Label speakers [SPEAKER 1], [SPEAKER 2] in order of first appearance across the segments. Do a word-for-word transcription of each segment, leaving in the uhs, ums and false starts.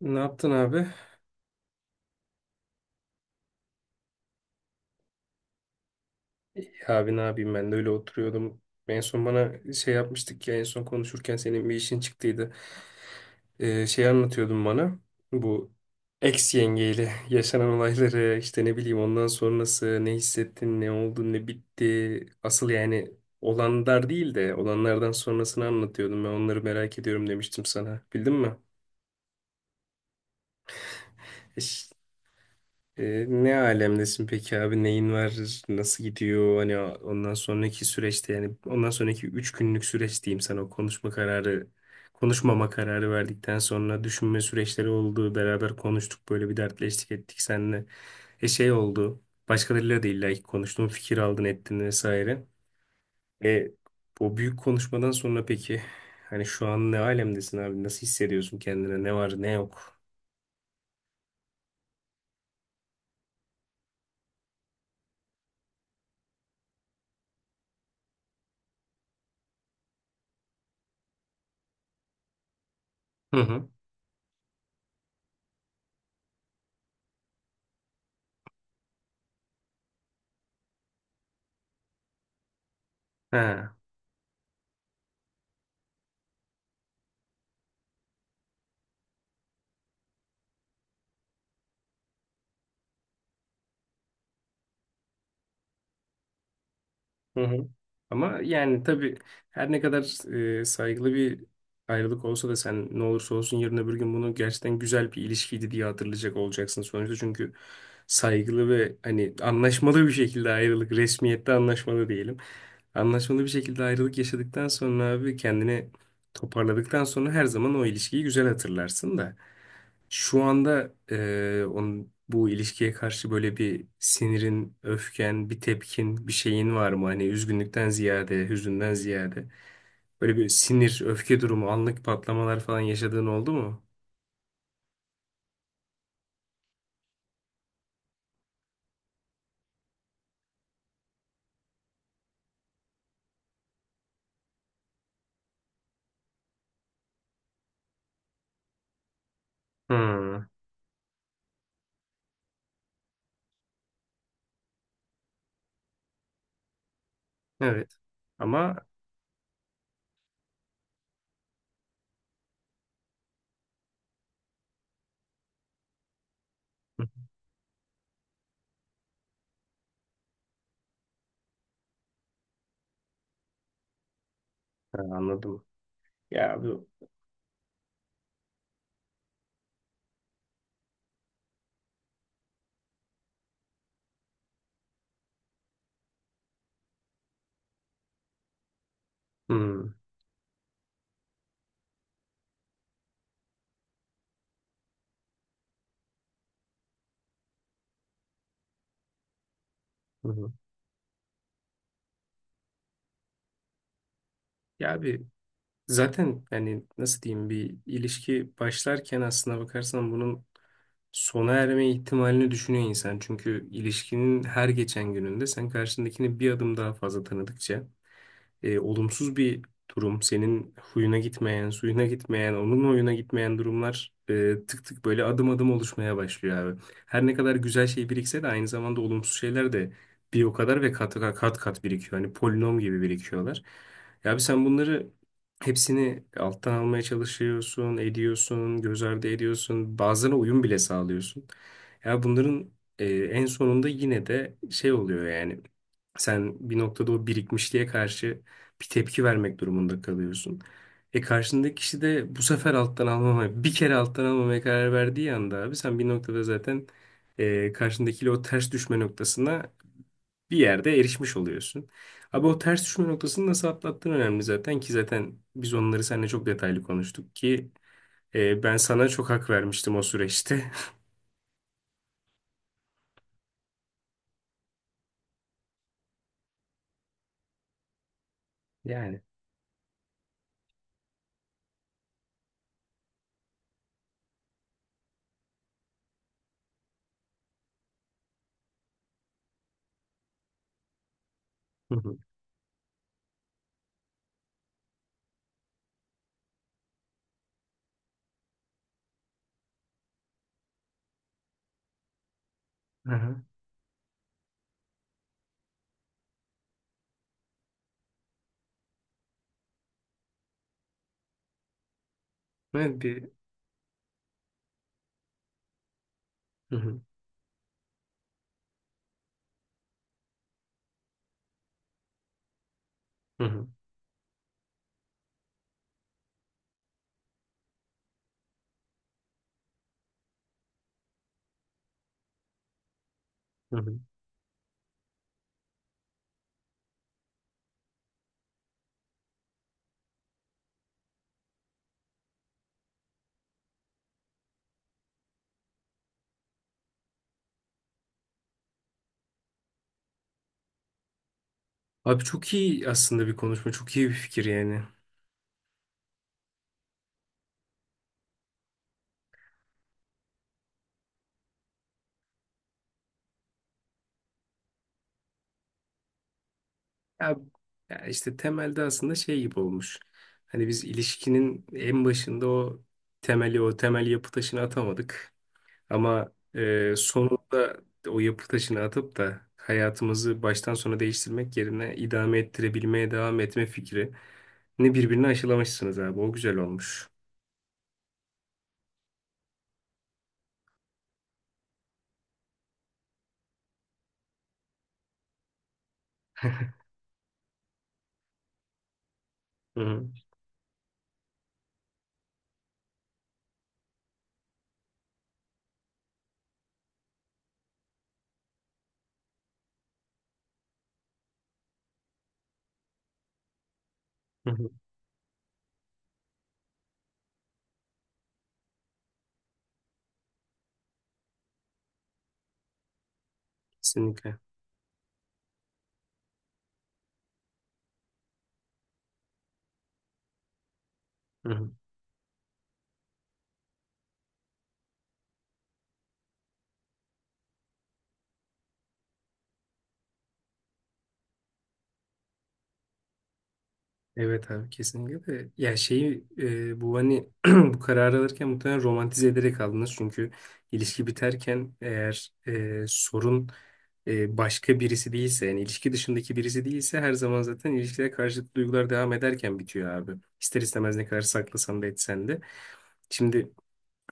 [SPEAKER 1] Ne yaptın abi? İyi abi, ne yapayım, ben de öyle oturuyordum. En son bana şey yapmıştık ya, en son konuşurken senin bir işin çıktıydı. Ee, şey anlatıyordun bana. Bu ex yengeyle yaşanan olayları, işte ne bileyim, ondan sonrası ne hissettin, ne oldu, ne bitti. Asıl yani olanlar değil de olanlardan sonrasını anlatıyordum. Ben onları merak ediyorum demiştim sana. Bildin mi? Ee, ne alemdesin peki abi? Neyin var? Nasıl gidiyor? Hani ondan sonraki süreçte, yani ondan sonraki üç günlük süreç diyeyim sana, o konuşma kararı konuşmama kararı verdikten sonra düşünme süreçleri oldu. Beraber konuştuk, böyle bir dertleştik ettik seninle. E şey oldu. Başkalarıyla da illa ki konuştun, fikir aldın ettin vesaire. E O büyük konuşmadan sonra peki hani şu an ne alemdesin abi? Nasıl hissediyorsun kendine? Ne var ne yok? Hı hı. Ha. Hı hı. Ama yani tabii, her ne kadar e, saygılı bir ayrılık olsa da sen ne olursa olsun yarın öbür gün bunu gerçekten güzel bir ilişkiydi diye hatırlayacak olacaksın sonuçta. Çünkü saygılı ve hani anlaşmalı bir şekilde ayrılık, resmiyette anlaşmalı diyelim. Anlaşmalı bir şekilde ayrılık yaşadıktan sonra abi, kendini toparladıktan sonra her zaman o ilişkiyi güzel hatırlarsın da. Şu anda eee, onun, bu ilişkiye karşı böyle bir sinirin, öfken, bir tepkin, bir şeyin var mı? Hani üzgünlükten ziyade, hüzünden ziyade. Böyle bir sinir, öfke durumu, anlık patlamalar falan yaşadığın oldu mu? Hmm, evet. Ama Ha, anladım. Ya bu Hmm, hı. Ya bir zaten, yani nasıl diyeyim, bir ilişki başlarken aslına bakarsan bunun sona erme ihtimalini düşünüyor insan. Çünkü ilişkinin her geçen gününde sen karşındakini bir adım daha fazla tanıdıkça e, olumsuz bir durum, senin huyuna gitmeyen, suyuna gitmeyen, onun huyuna gitmeyen durumlar e, tık tık, böyle adım adım oluşmaya başlıyor abi. Her ne kadar güzel şey birikse de aynı zamanda olumsuz şeyler de bir o kadar ve kat kat kat birikiyor. Hani polinom gibi birikiyorlar. Ya abi, sen bunları hepsini alttan almaya çalışıyorsun, ediyorsun, göz ardı ediyorsun. Bazılarına uyum bile sağlıyorsun. Ya bunların e, en sonunda yine de şey oluyor yani. Sen bir noktada o birikmişliğe karşı bir tepki vermek durumunda kalıyorsun. E karşındaki kişi de bu sefer alttan almamaya, bir kere alttan almamaya karar verdiği anda abi, sen bir noktada zaten e, karşındakiyle o ters düşme noktasına bir yerde erişmiş oluyorsun. Abi, o ters düşme noktasını nasıl atlattığın önemli zaten, ki zaten biz onları seninle çok detaylı konuştuk ki e, ben sana çok hak vermiştim o süreçte. Yani. Hı hı. Aha. Ben bir... Hı hı. Hı hı. Hı hı. Abi çok iyi aslında bir konuşma, çok iyi bir fikir yani. Ya, ya işte temelde aslında şey gibi olmuş. Hani biz ilişkinin en başında o temeli, o temel yapı taşını atamadık. Ama e, sonunda o yapı taşını atıp da hayatımızı baştan sona değiştirmek yerine idame ettirebilmeye devam etme fikrini birbirine aşılamışsınız abi. O güzel olmuş. Hı hı. Hı hı. Kesinlikle. Hı hı. Evet abi, kesinlikle de. Ya şeyi, e, bu hani bu kararı alırken muhtemelen romantize ederek aldınız, çünkü ilişki biterken eğer e, sorun e, başka birisi değilse, yani ilişki dışındaki birisi değilse, her zaman zaten ilişkiler karşıtı duygular devam ederken bitiyor abi. İster istemez, ne kadar saklasan da etsen de. Şimdi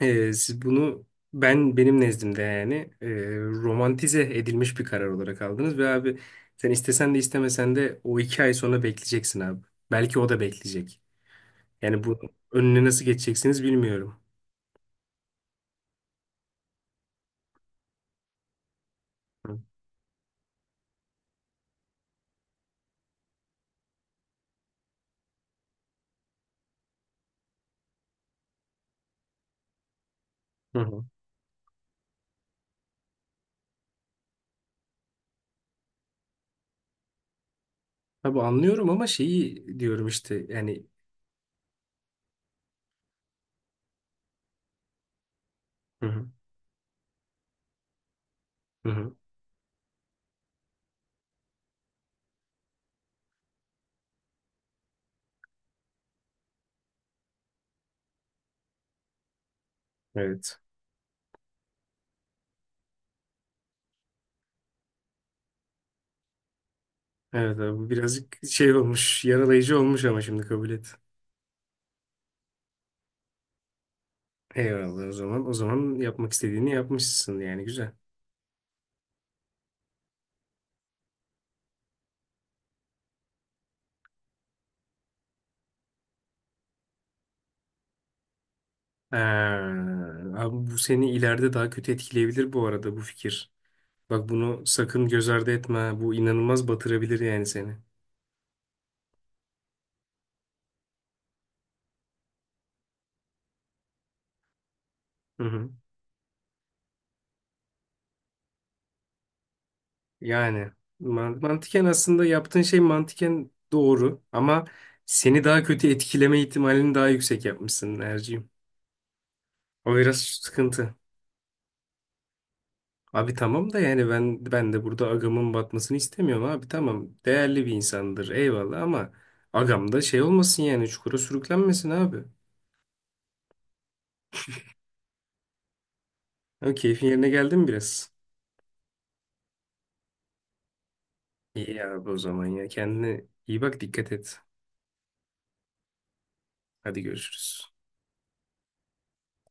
[SPEAKER 1] ee, siz bunu, ben benim nezdimde yani e, romantize edilmiş bir karar olarak aldınız ve abi, sen istesen de istemesen de o iki ay sonra bekleyeceksin abi. Belki o da bekleyecek. Yani bu, önüne nasıl geçeceksiniz bilmiyorum. Hı hı. Hı. Abi anlıyorum, ama şeyi diyorum işte yani. Hı hı. Hı hı. Evet. Evet abi, bu birazcık şey olmuş, yaralayıcı olmuş, ama şimdi kabul et. Eyvallah o zaman. O zaman yapmak istediğini yapmışsın yani, güzel. Ee, Abi, bu seni ileride daha kötü etkileyebilir bu arada, bu fikir. Bak, bunu sakın göz ardı etme. Bu inanılmaz batırabilir yani seni. Hı hı. Yani man- mantıken aslında yaptığın şey mantıken doğru, ama seni daha kötü etkileme ihtimalini daha yüksek yapmışsın Erciğim. O biraz sıkıntı. Abi tamam da, yani ben ben de burada agamın batmasını istemiyorum abi, tamam. Değerli bir insandır, eyvallah, ama agam da şey olmasın, yani çukura sürüklenmesin abi. Ama keyfin yerine geldi mi biraz? İyi abi o zaman ya. Kendine iyi bak, dikkat et. Hadi görüşürüz.